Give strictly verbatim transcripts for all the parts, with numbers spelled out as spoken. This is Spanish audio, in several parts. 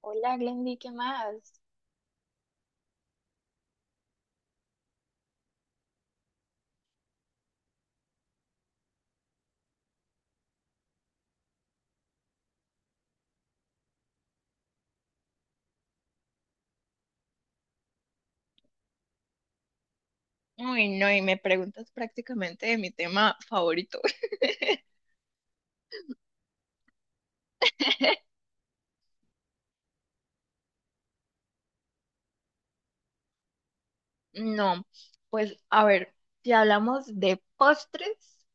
Hola, Glendy, ¿qué más? Uy, no, y me preguntas prácticamente de mi tema favorito. No, pues a ver, si hablamos de postres,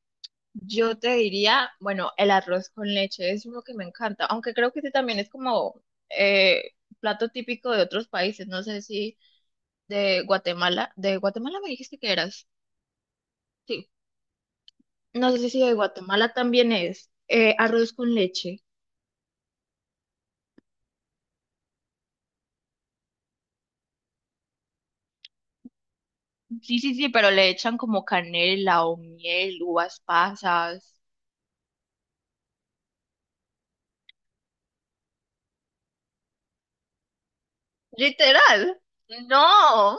yo te diría, bueno, el arroz con leche es uno que me encanta, aunque creo que ese también es como eh, plato típico de otros países, no sé si de Guatemala. De Guatemala me dijiste que eras, sí, no sé si de Guatemala también es eh, arroz con leche. Sí, sí, sí, pero le echan como canela o miel, uvas pasas. Literal. No,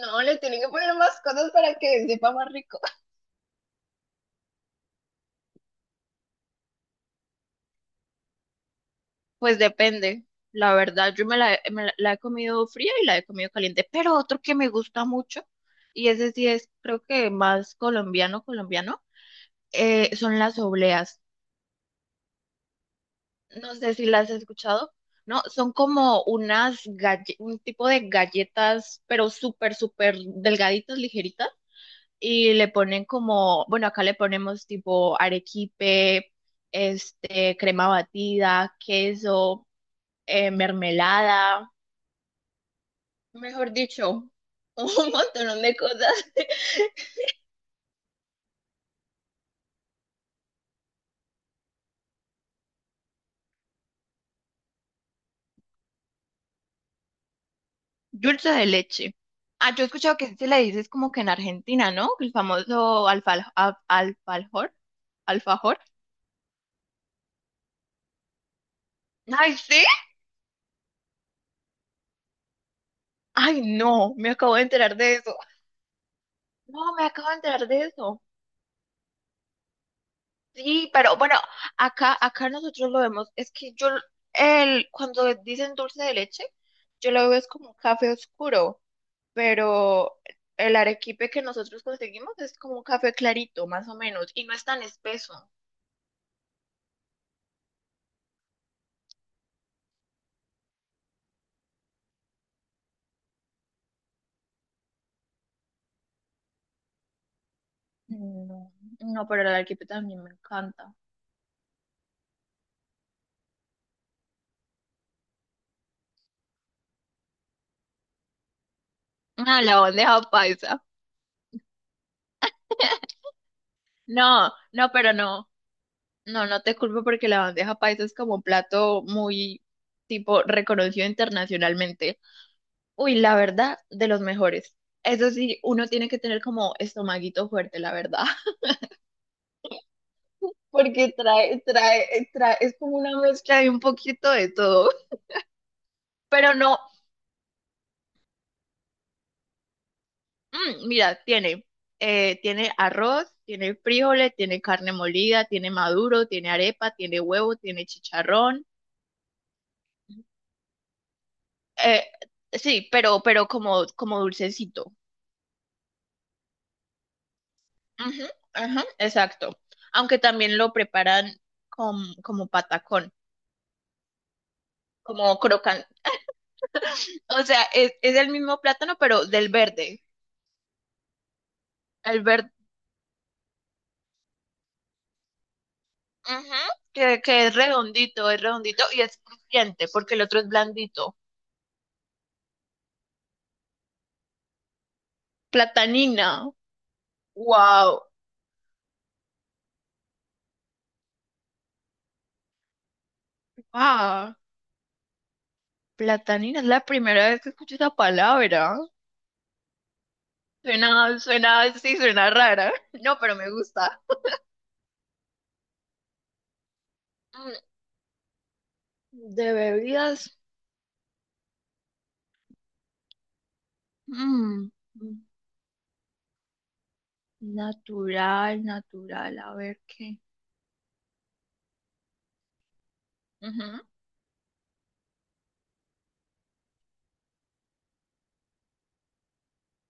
no, le tienen que poner más cosas para que sepa más rico. Pues depende. La verdad, yo me la, he- me la la he comido fría y la he comido caliente, pero otro que me gusta mucho, y ese sí es, creo que más colombiano, colombiano, eh, son las obleas. No sé si las has escuchado. No, son como unas galle- un tipo de galletas, pero súper, súper delgaditas, ligeritas. Y le ponen como, bueno, acá le ponemos tipo arequipe, este, crema batida, queso, eh, mermelada, mejor dicho, un montón de cosas. Dulce de leche. Ah, yo he escuchado que se le dice es como que en Argentina, ¿no? El famoso alfal, al- alfajor, alfajor. Ay, sí. Ay, no, me acabo de enterar de eso. No, me acabo de enterar de eso. Sí, pero bueno, acá, acá nosotros lo vemos, es que yo, el, cuando dicen dulce de leche, yo lo veo es como un café oscuro, pero el arequipe que nosotros conseguimos es como un café clarito, más o menos, y no es tan espeso. No, no, pero el arequipe también me encanta. Ah, la bandeja paisa. No, no, pero no, no, no te culpo porque la bandeja paisa es como un plato muy tipo reconocido internacionalmente. Uy, la verdad, de los mejores. Eso sí, uno tiene que tener como estomaguito fuerte, la verdad, porque trae, trae, trae, es como una mezcla de un poquito de todo. Pero no, mm, mira, tiene, eh, tiene arroz, tiene frijoles, tiene carne molida, tiene maduro, tiene arepa, tiene huevo, tiene chicharrón. Eh, sí, pero, pero como, como dulcecito. Ujú, ajá, exacto. Aunque también lo preparan con, como patacón. como crocan- O sea, es, es el mismo plátano, pero del verde. El verde, que, que es redondito, es redondito y es crujiente, porque el otro es blandito. Platanina. Wow. Ah, platanina es la primera vez que escucho esa palabra. Suena, suena, sí, suena rara. No, pero me gusta. Mm, De bebidas. mm, Natural, natural. A ver qué. Ujú.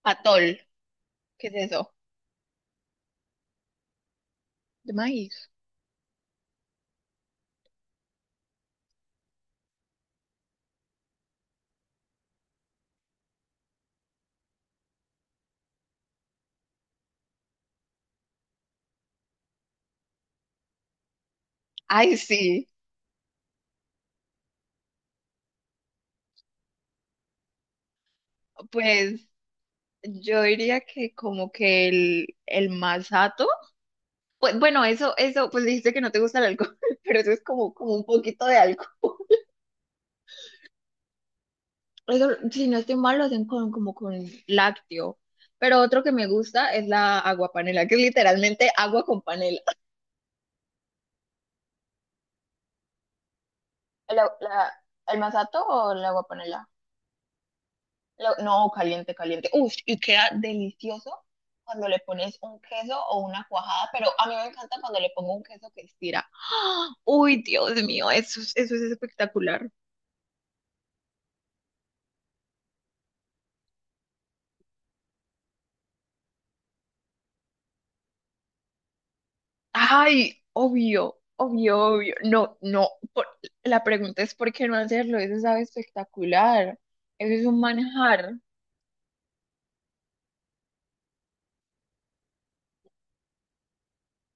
Atol. ¿Qué es eso? De maíz. Ay, sí. Pues yo diría que como que el, el masato, pues bueno, eso, eso, pues dijiste que no te gusta el alcohol, pero eso es como, como un poquito de alcohol. Eso, si no estoy mal, lo hacen con, como con lácteo. Pero otro que me gusta es la aguapanela, que es literalmente agua con panela. ¿El, la- el masato o la aguapanela? Lo- no, caliente, caliente. Uf, y queda delicioso cuando le pones un queso o una cuajada, pero a mí me encanta cuando le pongo un queso que estira. ¡Ah! Uy, Dios mío, eso, es- eso es espectacular. Ay, obvio, obvio, obvio. No, no, por- la pregunta es ¿por qué no hacerlo? Eso sabe espectacular. Eso es un manjar.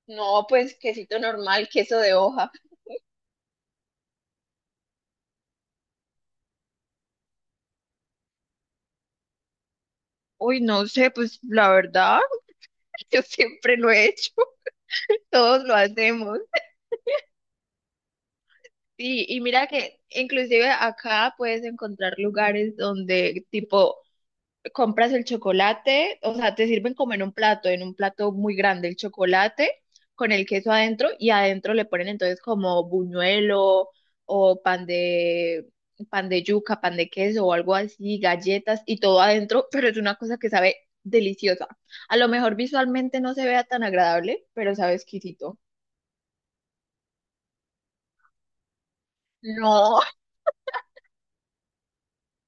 No, pues quesito normal, queso de hoja. Uy, no sé, pues la verdad, yo siempre lo he hecho, todos lo hacemos. Sí, y mira que inclusive acá puedes encontrar lugares donde tipo compras el chocolate, o sea, te sirven como en un plato, en un plato muy grande el chocolate con el queso adentro y adentro le ponen entonces como buñuelo o pan de pan de yuca, pan de queso o algo así, galletas y todo adentro, pero es una cosa que sabe deliciosa. A lo mejor visualmente no se vea tan agradable, pero sabe exquisito. No,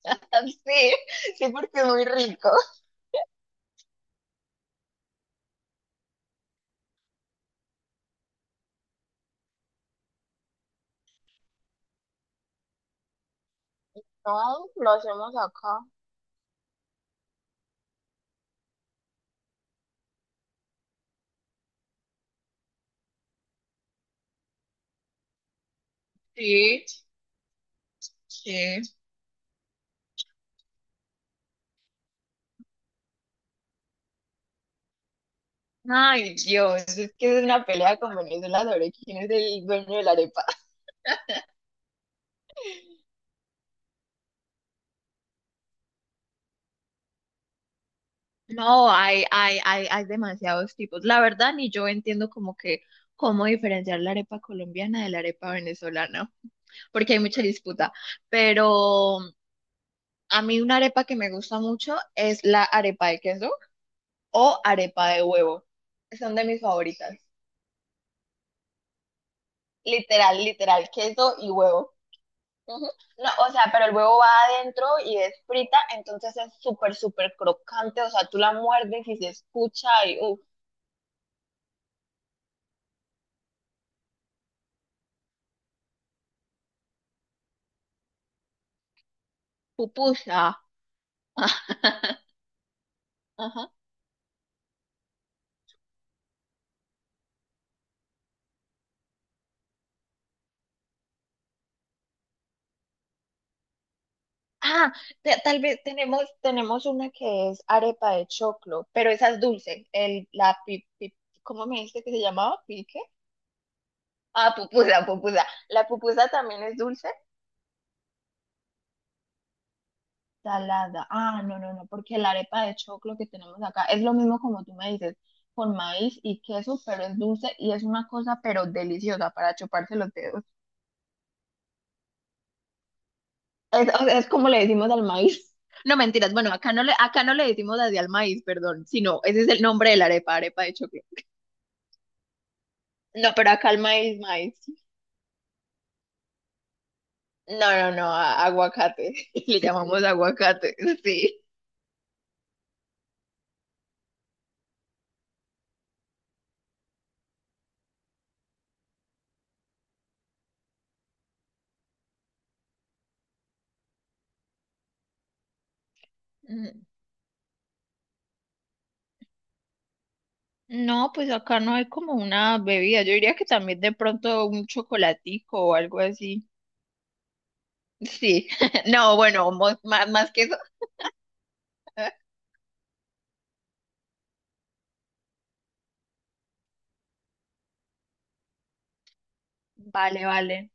sí, sí porque es muy rico. No, lo hacemos acá. Sí, sí. Ay, Dios, es que es una pelea con Venezuela sobre quién es el dueño de la arepa. No, hay, hay, hay, hay demasiados tipos. La verdad, ni yo entiendo como que cómo diferenciar la arepa colombiana de la arepa venezolana, porque hay mucha disputa. Pero a mí una arepa que me gusta mucho es la arepa de queso o arepa de huevo. Son de mis favoritas. Literal, literal, queso y huevo. Ujú. No, o sea, pero el huevo va adentro y es frita, entonces es súper, súper crocante. O sea, tú la muerdes y se escucha y ¡uh! Pupusa. Ajá. Ah, te- tal vez tenemos, tenemos una que es arepa de choclo, pero esa es dulce. El, la pi- pi- ¿cómo me dijiste que se llamaba? ¿Pique? Ah, pupusa, pupusa. La pupusa también es dulce. Salada. Ah, no, no, no, porque la arepa de choclo que tenemos acá es lo mismo como tú me dices, con maíz y queso, pero es dulce y es una cosa, pero deliciosa para chuparse los dedos. Es, o sea, es como le decimos al maíz. No, mentiras. Bueno, acá no le, acá no le decimos así al maíz, perdón, sino ese es el nombre de la arepa, arepa de choclo. No, pero acá el maíz, maíz. No, no, no, a- aguacate. Le llamamos aguacate, sí. No, pues acá no hay como una bebida. Yo diría que también de pronto un chocolatico o algo así. Sí, no, bueno, mo- más, más que eso. Vale, vale.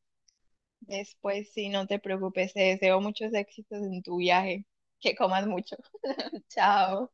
Después sí, no te preocupes. Te deseo muchos éxitos en tu viaje. Que comas mucho. Chao.